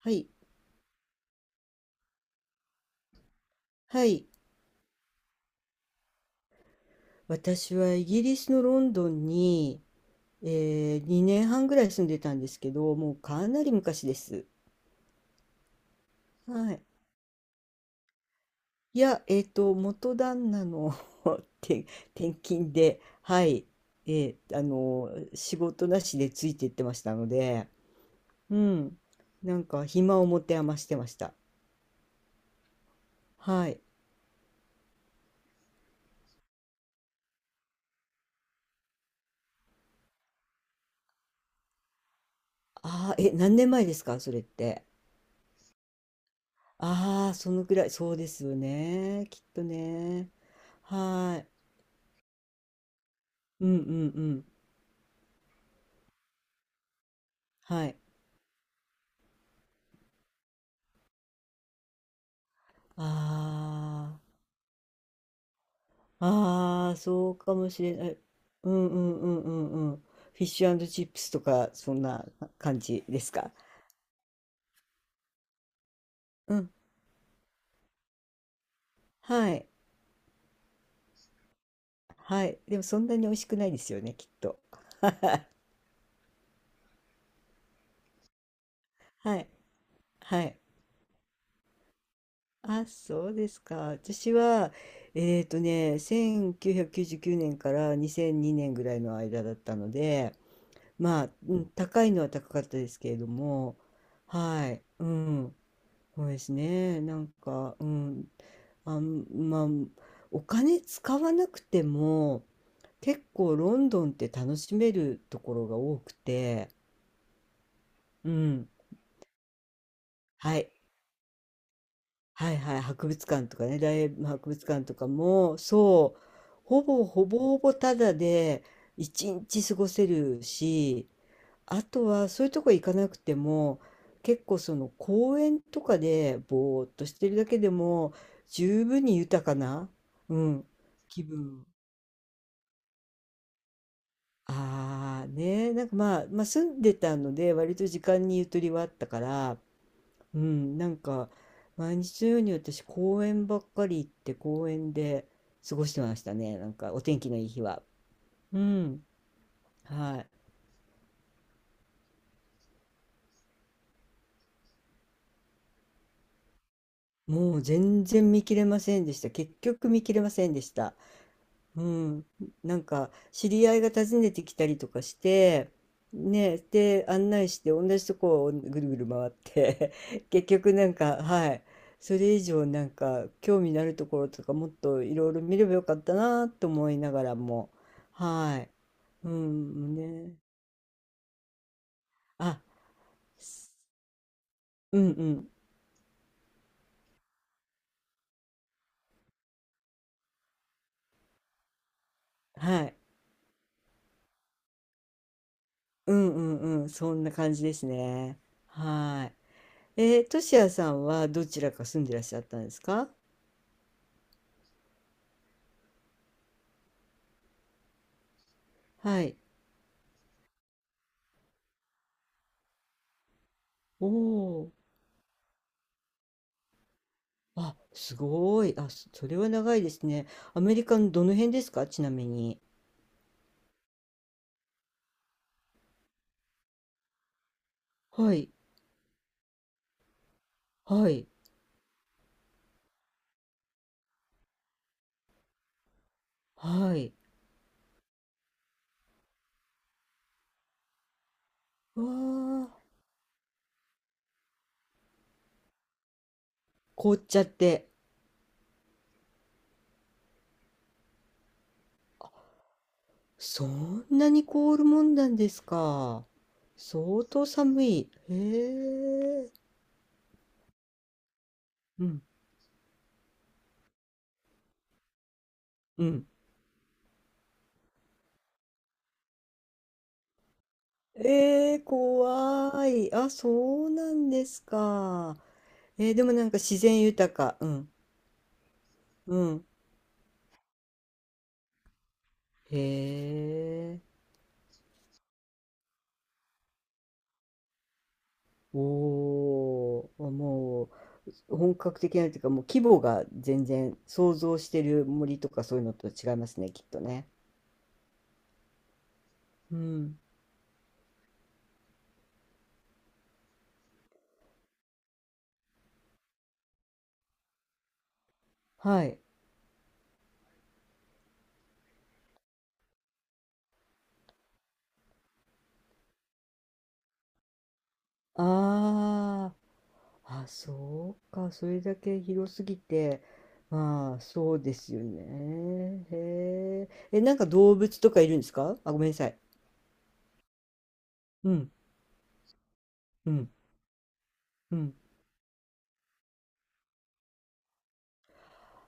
はい。はい。私はイギリスのロンドンに、2年半ぐらい住んでたんですけど、もうかなり昔です。はい。いや、元旦那の 転、転勤で、はい。仕事なしでついて行ってましたので、うん。なんか、暇を持て余してました。はい。ああ、え、何年前ですか、それって？ああ、そのくらい、そうですよね。きっとね。はい。うんうんうん。はい。ああ、ああ、そうかもしれない。うんうんうんうんうん。フィッシュチップスとか、そんな感じですか？うん。はい。はい。でもそんなに美味しくないですよね、きっと。はい。はい。あ、そうですか。私は、1999年から2002年ぐらいの間だったので、まあ、うん、高いのは高かったですけれども、はい。うん。そうですね。なんか、うん、まあ、お金使わなくても、結構ロンドンって楽しめるところが多くて、うん。はい。はいはい。博物館とかね、大英博物館とかも、そう、ほぼほぼほぼタダで一日過ごせるし、あとはそういうとこ行かなくても結構その公園とかでぼーっとしてるだけでも十分に豊かな、うん、気分。ああ、ね、なんか、まあ、まあ住んでたので割と時間にゆとりはあったから、うん、なんか毎日のように私公園ばっかり行って公園で過ごしてましたね。なんかお天気のいい日は。うん、はい。もう全然見切れませんでした。結局見切れませんでした。うん、なんか知り合いが訪ねてきたりとかして、ね、で案内して同じとこをぐるぐる回って 結局なんか、はい。それ以上なんか興味のあるところとかもっといろいろ見ればよかったなと思いながらも、はい。うん、ね。あ、うん、うん。はい。うん、うん、うん、そんな感じですね。はい。としやさんはどちらか住んでらっしゃったんですか？はい。おお。あ、すごい。あ、そそれは長いですね。アメリカのどの辺ですか、ちなみに？はい、はい、はい。わあ、凍っちゃって。そんなに凍るもんなんですか？相当寒い。へえ。うん、うん。ええ、怖い。あ、そうなんですか？えー、でもなんか自然豊か。うん、うん。へえ。おー、もう。本格的なというか、もう規模が全然想像してる森とかそういうのと違いますね、きっとね。うん。はい。ああ、あ、そうか。それだけ広すぎて、まあ、そうですよね。へえ。え、なんか動物とかいるんですか？あ、ごめんなさい。うん、うん、うん。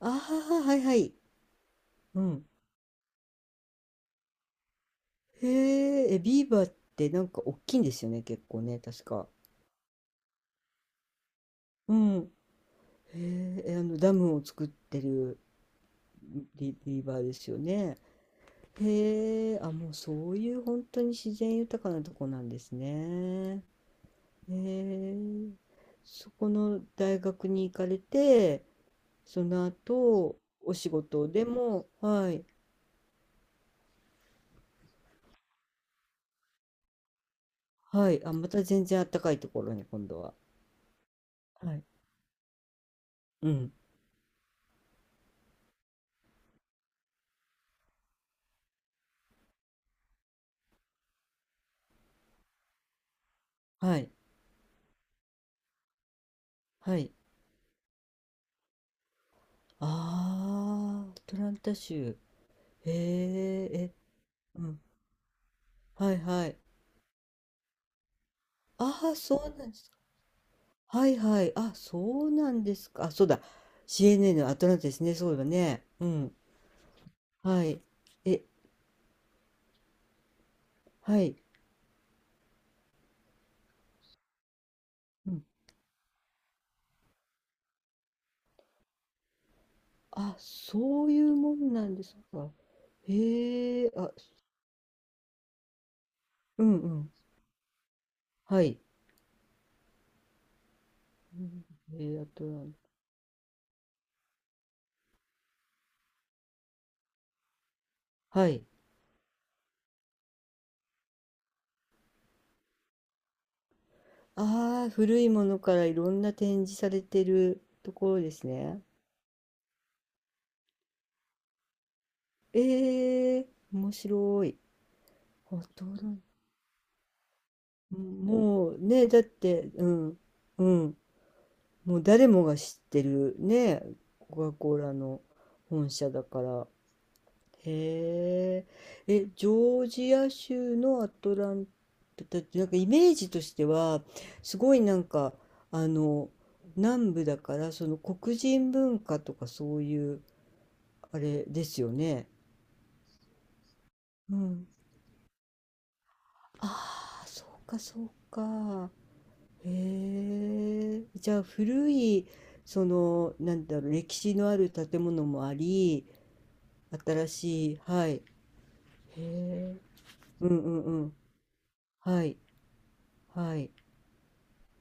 ああ、はいはい。うん。へえ、え、ビーバーってなんか大きいんですよね、結構ね、確か。うん。へえ、え、あの、ダムを作ってる。リーバーですよね。へえ、あ、もうそういう本当に自然豊かなとこなんですね。へえ、そこの大学に行かれて、その後、お仕事でも、はい、はい、あ、また全然あったかいところに今度は。はい、うん、はい、はい。ああ、アトランタ州。へえ、え、うん、はい、はい。ああ、そうなんです。はいはい。あ、そうなんですか？あ、そうだ。CNN のアトランタですね。そうだね。うん。はい。え、はい。うん。あ、そういうもんなんですか？へえ、あ、うんうん。はい。うん。えー、アトランタ。はい。ああ、古いものからいろんな展示されてるところですね。ええ、面白い。アトランタ。うん、もうね、だって、うん。うん。もう誰もが知ってるね、コカ・コーラの本社だから。へえ。え、ジョージア州のアトランタって、なんかイメージとしては、すごいなんか、あの、南部だから、その黒人文化とかそういう、あれですよね。うん。ああ、そうか、そうか。へえ。じゃあ、古い、その、なんだろう、歴史のある建物もあり、新しい、はい。へえ。うんうんうん。はい。はい。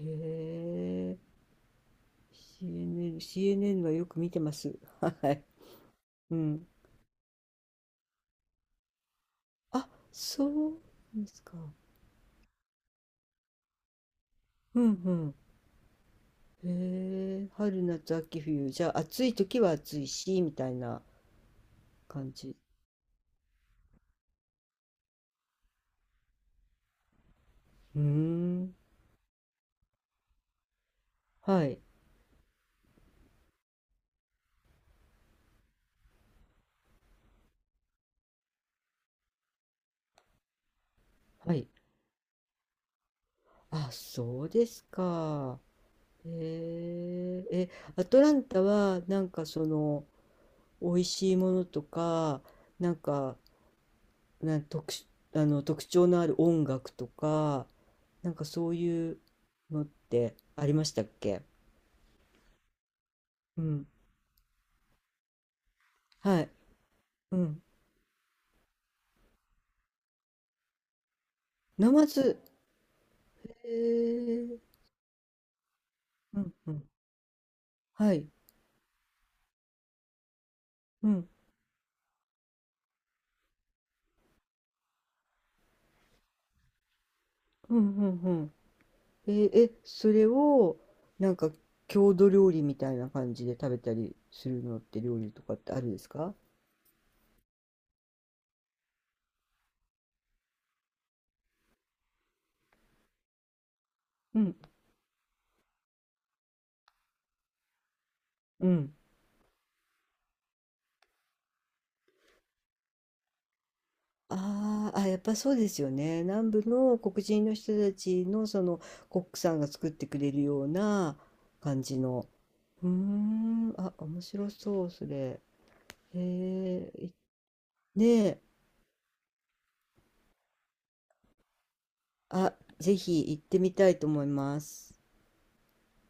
へえ。CNN、CN はよく見てます。はい。うん。あ、そうですか。うんうん。へえ。春夏秋冬。じゃあ、暑い時は暑いし、みたいな感じ。うーん。はい。はい。あ、そうですか。へえ。え、アトランタは、なんかその、美味しいものとか、なんか、なん特殊、あの特徴のある音楽とか、なんかそういうのってありましたっけ？うん。はい。うん。ナマズ。えー、うんうん。はい。うん。うんうんうん。えーえ、それを、なんか郷土料理みたいな感じで食べたりするのって料理とかってあるんですか？うん。うん。あーあ、やっぱそうですよね。南部の黒人の人たちのそのコックさんが作ってくれるような感じの。うーん、あ、面白そう、それ。へえ、いねえ、あ、ぜひ行ってみたいと思います。